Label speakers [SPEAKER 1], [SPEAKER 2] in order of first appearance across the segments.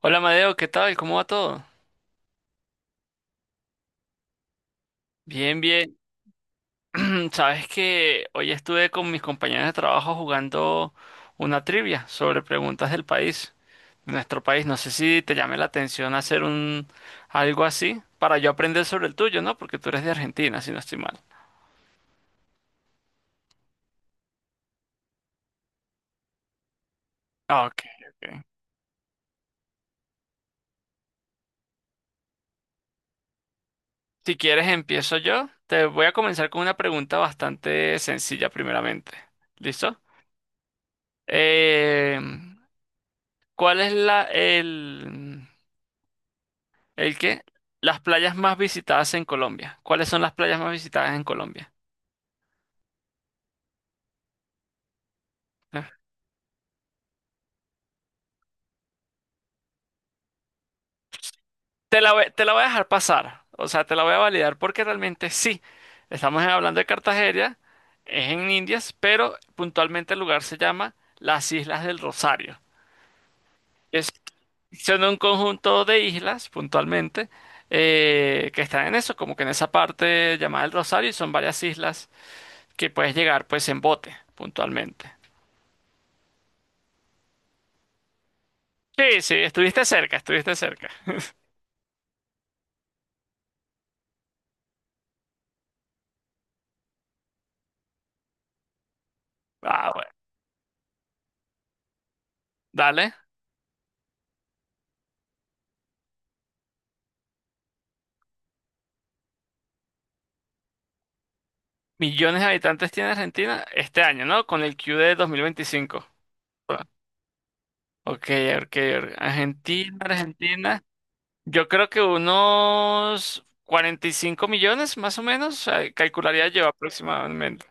[SPEAKER 1] Hola Madeo, ¿qué tal? ¿Cómo va todo? Bien, bien. Sabes que hoy estuve con mis compañeros de trabajo jugando una trivia sobre preguntas del país, de nuestro país. No sé si te llame la atención hacer un algo así para yo aprender sobre el tuyo, ¿no? Porque tú eres de Argentina, si no estoy mal. Ah, ok, ok. Si quieres empiezo yo. Te voy a comenzar con una pregunta bastante sencilla primeramente. ¿Listo? Eh, ¿Cuál es la el que las playas más visitadas en Colombia? ¿Cuáles son las playas más visitadas en Colombia? Eh, te la voy a dejar pasar, o sea, te la voy a validar porque realmente sí. Estamos hablando de Cartagena, es en Indias, pero puntualmente el lugar se llama las Islas del Rosario. Es, son un conjunto de islas, puntualmente, que están en eso, como que en esa parte llamada el Rosario, y son varias islas que puedes llegar pues en bote, puntualmente. Sí, sí, estuviste cerca, estuviste cerca. Ah, bueno. Dale. Millones de habitantes tiene Argentina este año, ¿no? Con el Q de 2025. Ah, ok, ok, ok. Argentina, Argentina. Yo creo que unos 45 millones, más o menos, ah, calcularía yo aproximadamente.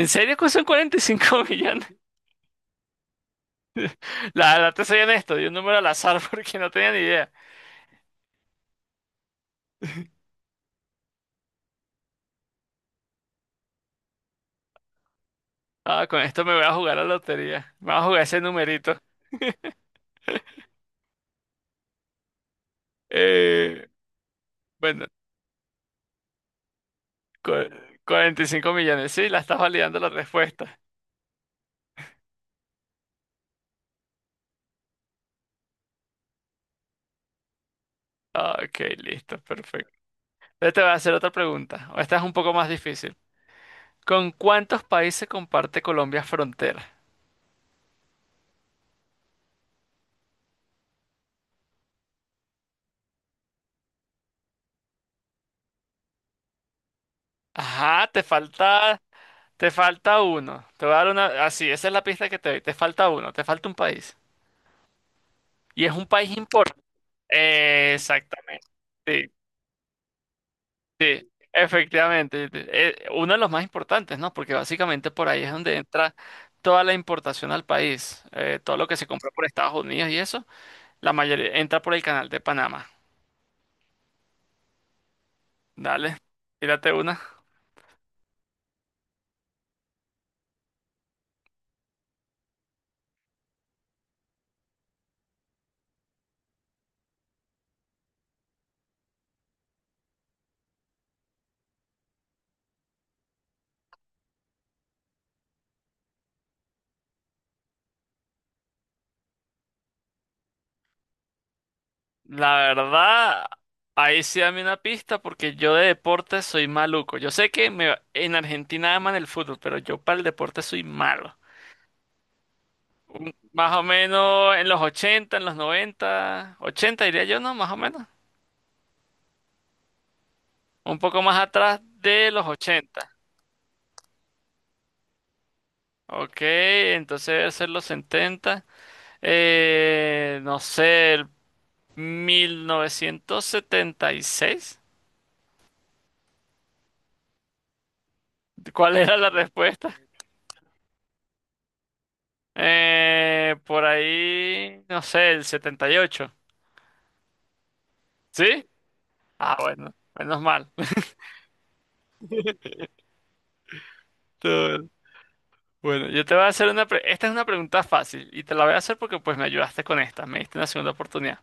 [SPEAKER 1] ¿En serio que son cuarenta y cinco millones? La verdad, te soy honesto, di un número al azar porque no tenía ni idea. Ah, con esto me voy a jugar a la lotería. Me voy a jugar ese numerito. Eh, bueno, cu- 45 millones, sí, la estás validando la respuesta. Ok, listo, perfecto. Yo te voy a hacer otra pregunta. Esta es un poco más difícil. ¿Con cuántos países comparte Colombia frontera? Ajá, te falta uno. Te voy a dar una, así, esa es la pista que te doy. Te falta uno, te falta un país. Y es un país importante. Exactamente, sí, efectivamente. Uno de los más importantes, ¿no? Porque básicamente por ahí es donde entra toda la importación al país. Todo lo que se compra por Estados Unidos y eso, la mayoría entra por el canal de Panamá. Dale, tírate una. La verdad, ahí sí dame una pista porque yo de deporte soy maluco. Yo sé que en Argentina aman el fútbol, pero yo para el deporte soy malo. Más o menos en los ochenta, en los noventa, ochenta diría yo, ¿no? Más o menos. Un poco más atrás de los 80. Ok, entonces debe ser los 70. No sé, el 1976. ¿Cuál era la respuesta? Por ahí, no sé, el 78, ¿sí? Ah, bueno, menos mal. Todo bien. Bueno, yo te voy a hacer una... Esta es una pregunta fácil y te la voy a hacer porque pues me ayudaste con esta, me diste una segunda oportunidad.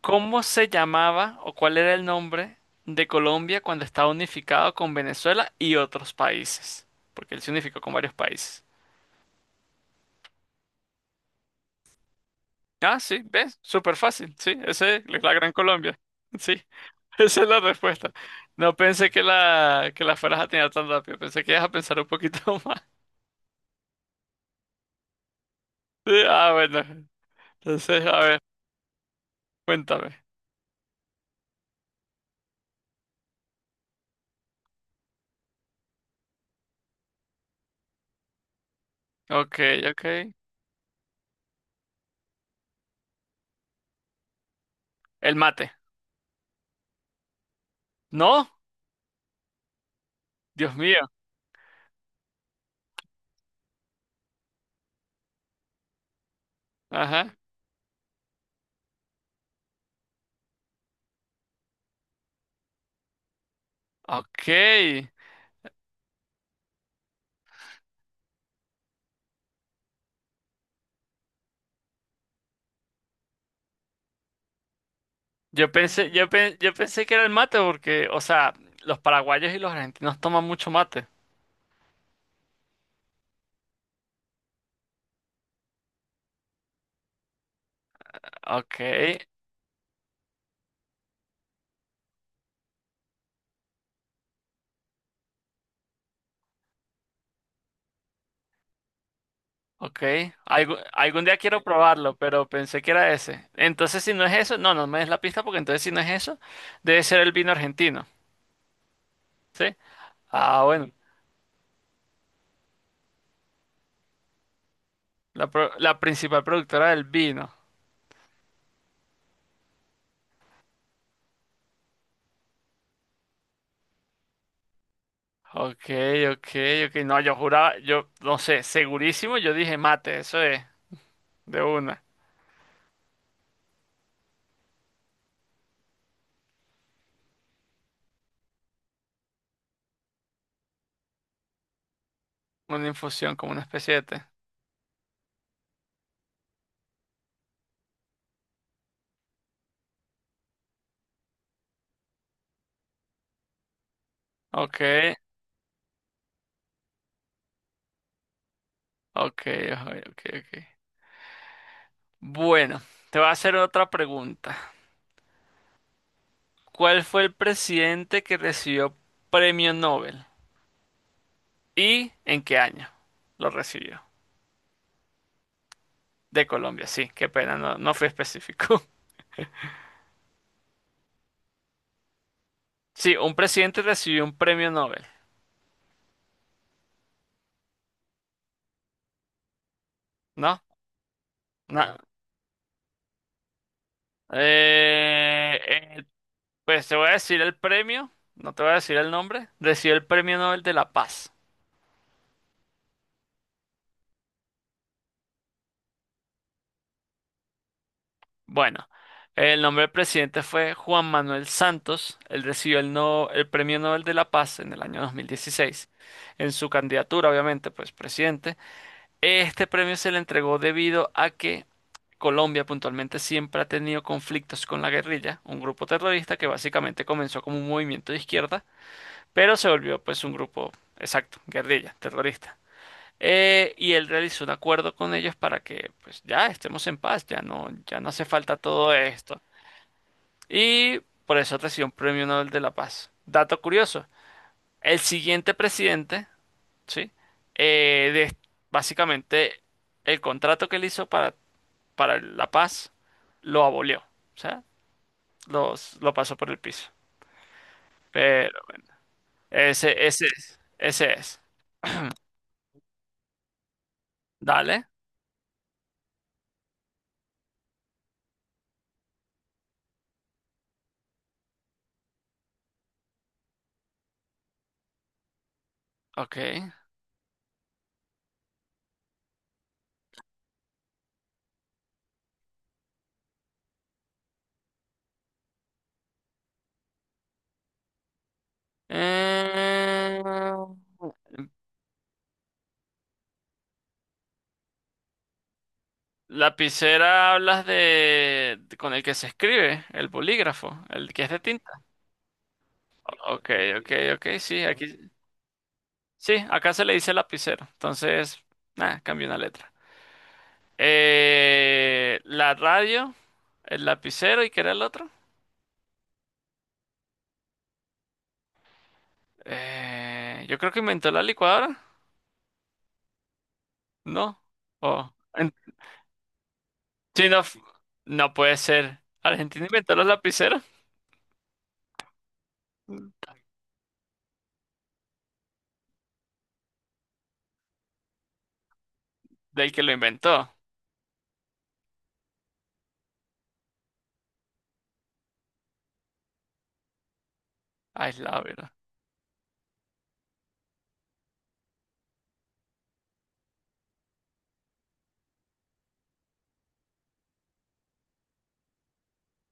[SPEAKER 1] ¿Cómo se llamaba o cuál era el nombre de Colombia cuando estaba unificado con Venezuela y otros países? Porque él se unificó con varios países. Ah, sí, ¿ves? Súper fácil, sí, esa es la Gran Colombia. Sí, esa es la respuesta. No pensé que que la fueras a tener tan rápido, pensé que ibas a pensar un poquito más. Sí, ah, bueno. Entonces, a ver, cuéntame. Ok, ok. El mate. ¿No? Dios mío. Ajá. Ok. Yo pensé, yo pensé que era el mate porque, o sea, los paraguayos y los argentinos toman mucho mate. Ok, ok, algún día quiero probarlo, pero pensé que era ese. Entonces, si no es eso, no, no me des la pista porque entonces si no es eso, debe ser el vino argentino, ¿sí? Ah, bueno, la principal productora del vino. Ok, ok, ok. No, yo juraba, yo no sé, segurísimo, yo dije mate, eso es, de una. Una infusión, como una especie de té. Ok, ok, ok, ok, ok. Bueno, te voy a hacer otra pregunta. ¿Cuál fue el presidente que recibió premio Nobel? ¿Y en qué año lo recibió? De Colombia, sí, qué pena, no, no fui específico. Sí, un presidente recibió un premio Nobel, ¿no? No. Eh, eh, pues te voy a decir el premio, no te voy a decir el nombre, recibió el premio Nobel de la Paz. Bueno, el nombre del presidente fue Juan Manuel Santos, él recibió el, no, el premio Nobel de la Paz en el año 2016, en su candidatura, obviamente, pues presidente. Este premio se le entregó debido a que Colombia puntualmente siempre ha tenido conflictos con la guerrilla, un grupo terrorista que básicamente comenzó como un movimiento de izquierda, pero se volvió pues un grupo, exacto, guerrilla, terrorista. Y él realizó un acuerdo con ellos para que pues ya estemos en paz, ya no, ya no hace falta todo esto. Y por eso recibió un premio Nobel de la Paz. Dato curioso, el siguiente presidente, ¿sí? Eh, de- básicamente el contrato que él hizo para la paz, lo abolió. O sea, los, lo pasó por el piso. Pero ese es. Dale. Ok. Eh, lapicera hablas de, con el que se escribe, el bolígrafo, el que es de tinta. Ok, ok, ok, sí, aquí. Sí, acá se le dice lapicero. Entonces, nada, cambio una letra. La radio, el lapicero y ¿qué era el otro? Yo creo que inventó la licuadora. No. Oh. Sí, no, no puede ser. Argentina inventó los lapiceros. Del que lo inventó. Ay, la verdad.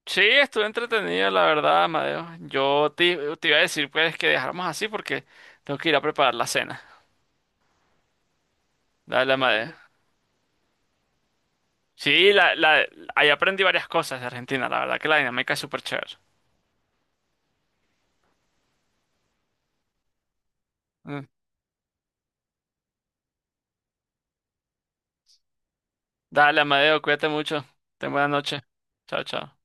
[SPEAKER 1] Sí, estuvo entretenido, la verdad, Amadeo. Yo te, te iba a decir, pues, que dejáramos así porque tengo que ir a preparar la cena. Dale, Amadeo. Sí, la, ahí aprendí varias cosas de Argentina, la verdad que la dinámica es súper chévere. Mm. Dale, Amadeo, cuídate mucho. Ten buena noche. Chao, chao.